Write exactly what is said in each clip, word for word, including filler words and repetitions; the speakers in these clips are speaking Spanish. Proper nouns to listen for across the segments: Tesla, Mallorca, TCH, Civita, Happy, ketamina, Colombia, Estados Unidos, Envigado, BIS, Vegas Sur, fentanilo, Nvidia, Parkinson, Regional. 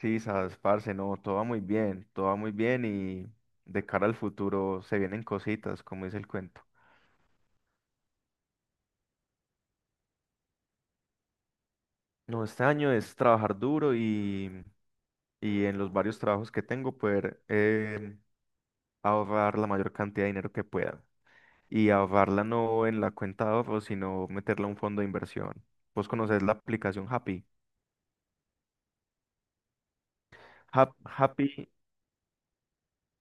Sí, sabes, parce, no, todo va muy bien, todo va muy bien y de cara al futuro se vienen cositas, como dice el cuento. No, este año es trabajar duro y, y en los varios trabajos que tengo poder eh, ahorrar la mayor cantidad de dinero que pueda. Y ahorrarla no en la cuenta de ahorro, sino meterla a un fondo de inversión. Vos conocés la aplicación Happy. Hap- Happy,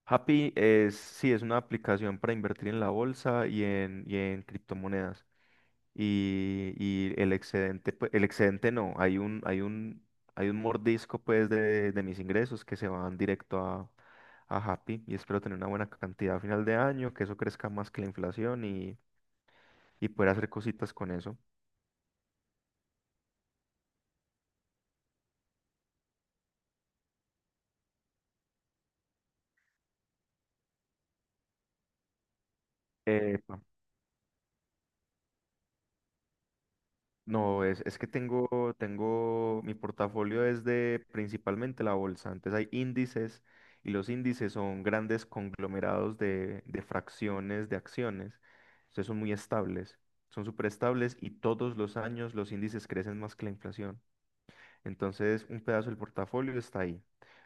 Happy es, sí, es una aplicación para invertir en la bolsa y en, y en criptomonedas. Y, y el excedente, pues, el excedente no, hay un, hay un, hay un mordisco pues de, de mis ingresos que se van directo a, a Happy y espero tener una buena cantidad a final de año, que eso crezca más que la inflación y, y poder hacer cositas con eso. Eh, No, es, es que tengo, tengo, mi portafolio es de principalmente la bolsa. Antes hay índices y los índices son grandes conglomerados de, de fracciones de acciones. Entonces son muy estables, son súper estables y todos los años los índices crecen más que la inflación. Entonces un pedazo del portafolio está ahí.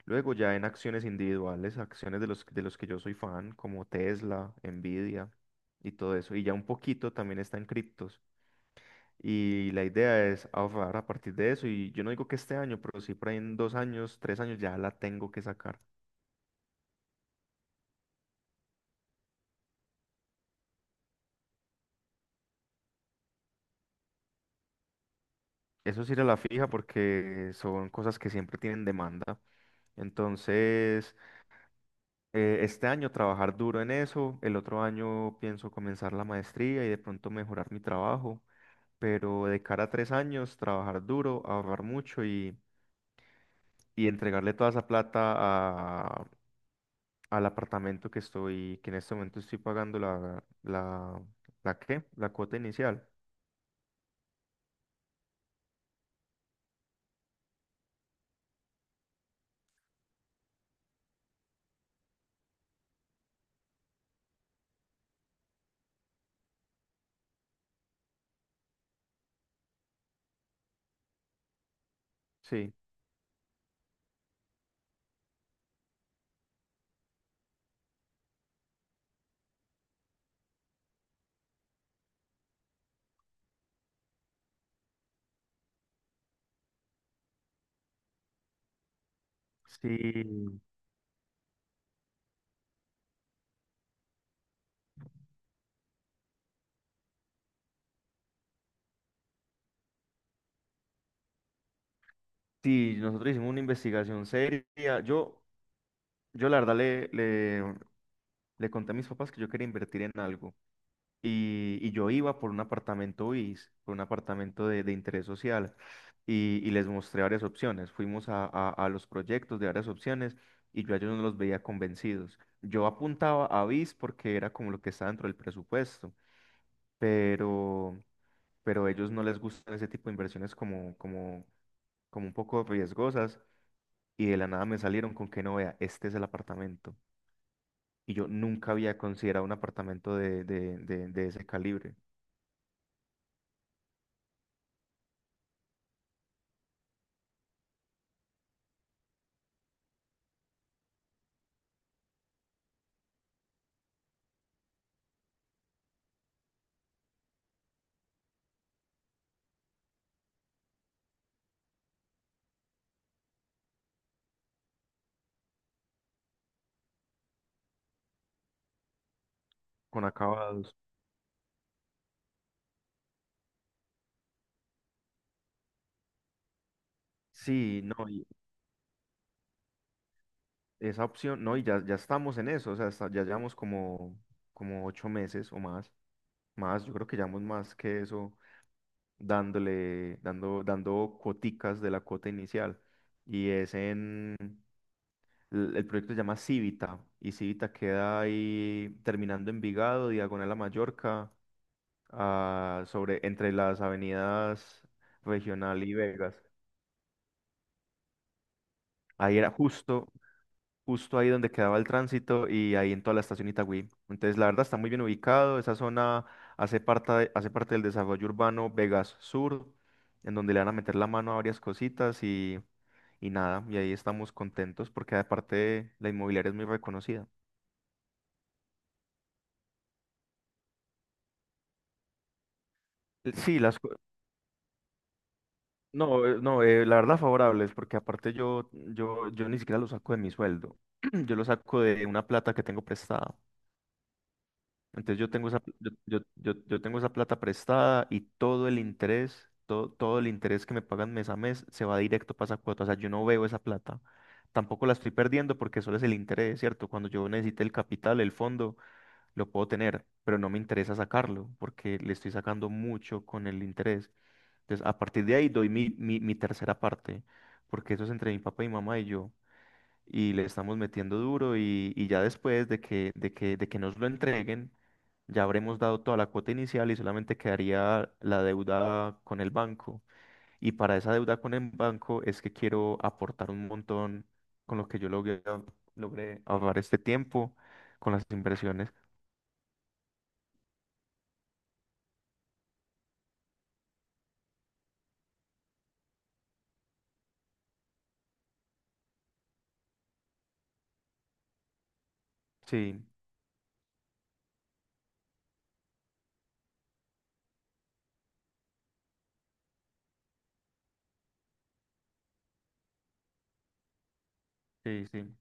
Luego ya en acciones individuales, acciones de los, de los que yo soy fan, como Tesla, Nvidia y todo eso. Y ya un poquito también está en criptos. Y la idea es ahorrar a partir de eso. Y yo no digo que este año, pero sí por ahí en dos años, tres años ya la tengo que sacar. Eso sí era la fija porque son cosas que siempre tienen demanda. Entonces, eh, este año trabajar duro en eso. El otro año pienso comenzar la maestría y de pronto mejorar mi trabajo. Pero de cara a tres años, trabajar duro, ahorrar mucho y, y entregarle toda esa plata al apartamento que estoy, que en este momento estoy pagando la, la, la qué, la cuota inicial. Sí, sí, sí, nosotros hicimos una investigación seria. Yo, yo la verdad le, le, le conté a mis papás que yo quería invertir en algo y, y yo iba por un apartamento B I S, por un apartamento de, de interés social y, y les mostré varias opciones. Fuimos a, a, a los proyectos de varias opciones y yo a ellos no los veía convencidos. Yo apuntaba a B I S porque era como lo que estaba dentro del presupuesto pero, pero a ellos no les gustan ese tipo de inversiones como, como, como un poco riesgosas y de la nada me salieron con que no vea, este es el apartamento. Y yo nunca había considerado un apartamento de, de, de, de ese calibre, con acabados. Sí, no, y esa opción, no, y ya, ya estamos en eso, o sea, está- ya llevamos como, como ocho meses o más, más, yo creo que llevamos más que eso, dándole, dando, dando cuoticas de la cuota inicial. Y es en, El, el proyecto se llama Civita y Civita queda ahí terminando Envigado, diagonal a Mallorca, ah, sobre, entre las avenidas Regional y Vegas. Ahí era justo, justo ahí donde quedaba el tránsito y ahí en toda la estación Itagüí. Entonces, la verdad está muy bien ubicado. Esa zona hace parte, hace parte del desarrollo urbano Vegas Sur, en donde le van a meter la mano a varias cositas y, y nada. Y ahí estamos contentos porque aparte la inmobiliaria es muy reconocida. Eh, Sí, las, co- No, eh, no, eh, la verdad favorables, porque aparte yo, yo, yo ni siquiera lo saco de mi sueldo, yo lo saco de una plata que tengo prestada. Entonces yo tengo esa, pl- yo, yo, yo, yo tengo esa plata prestada y todo el interés, todo, todo el interés que me pagan mes a mes se va directo para esa cuota. O sea, yo no veo esa plata. Tampoco la estoy perdiendo porque solo es el interés, ¿cierto? Cuando yo necesite el capital, el fondo, lo puedo tener, pero no me interesa sacarlo porque le estoy sacando mucho con el interés. Entonces, a partir de ahí doy mi, mi, mi tercera parte, porque eso es entre mi papá y mi mamá y yo, y le estamos metiendo duro y, y ya después de que, de que, de que nos lo entreguen, ya habremos dado toda la cuota inicial y solamente quedaría la deuda con el banco. Y para esa deuda con el banco es que quiero aportar un montón con lo que yo logré, logré ahorrar este tiempo, con las inversiones. Sí, sí, sí.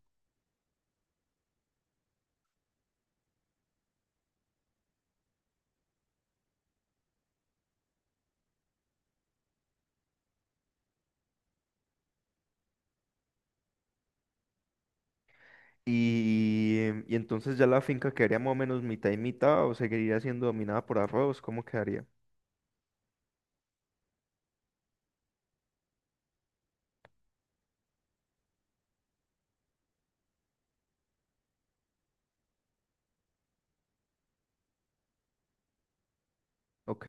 Y, y entonces ya la finca quedaría más o menos mitad y mitad o seguiría siendo dominada por arroz, ¿cómo quedaría? Ok,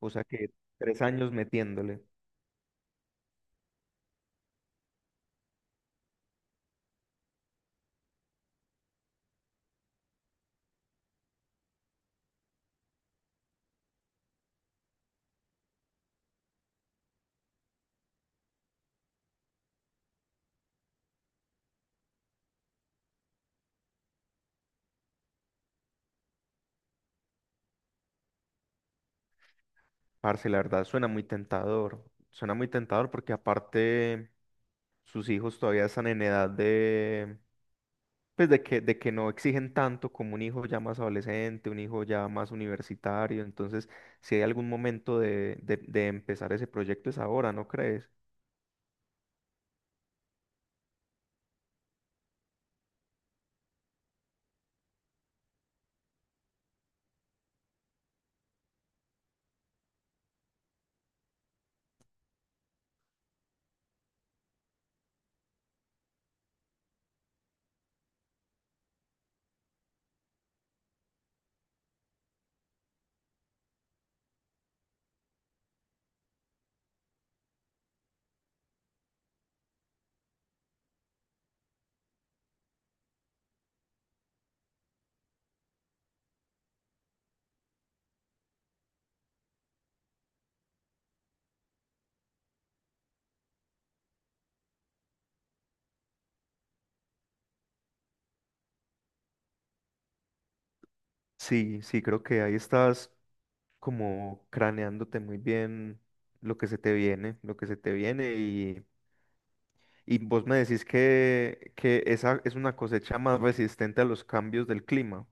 o sea que tres años metiéndole. Parce, la verdad suena muy tentador, suena muy tentador porque aparte sus hijos todavía están en edad de, pues de que, de que no exigen tanto como un hijo ya más adolescente, un hijo ya más universitario, entonces si hay algún momento de, de de empezar ese proyecto es ahora, ¿no crees? Sí, sí, creo que ahí estás como craneándote muy bien lo que se te viene, lo que se te viene y, y vos me decís que, que esa es una cosecha más resistente a los cambios del clima.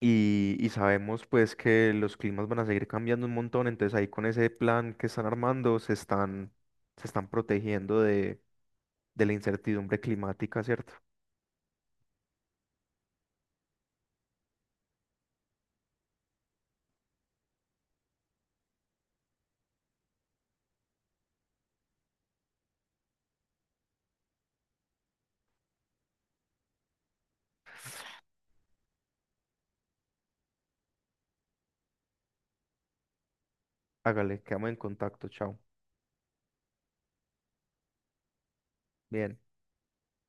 Y, y sabemos pues que los climas van a seguir cambiando un montón, entonces ahí con ese plan que están armando se están, se están protegiendo de, de la incertidumbre climática, ¿cierto? Hágale, quedamos en contacto, chao. Bien.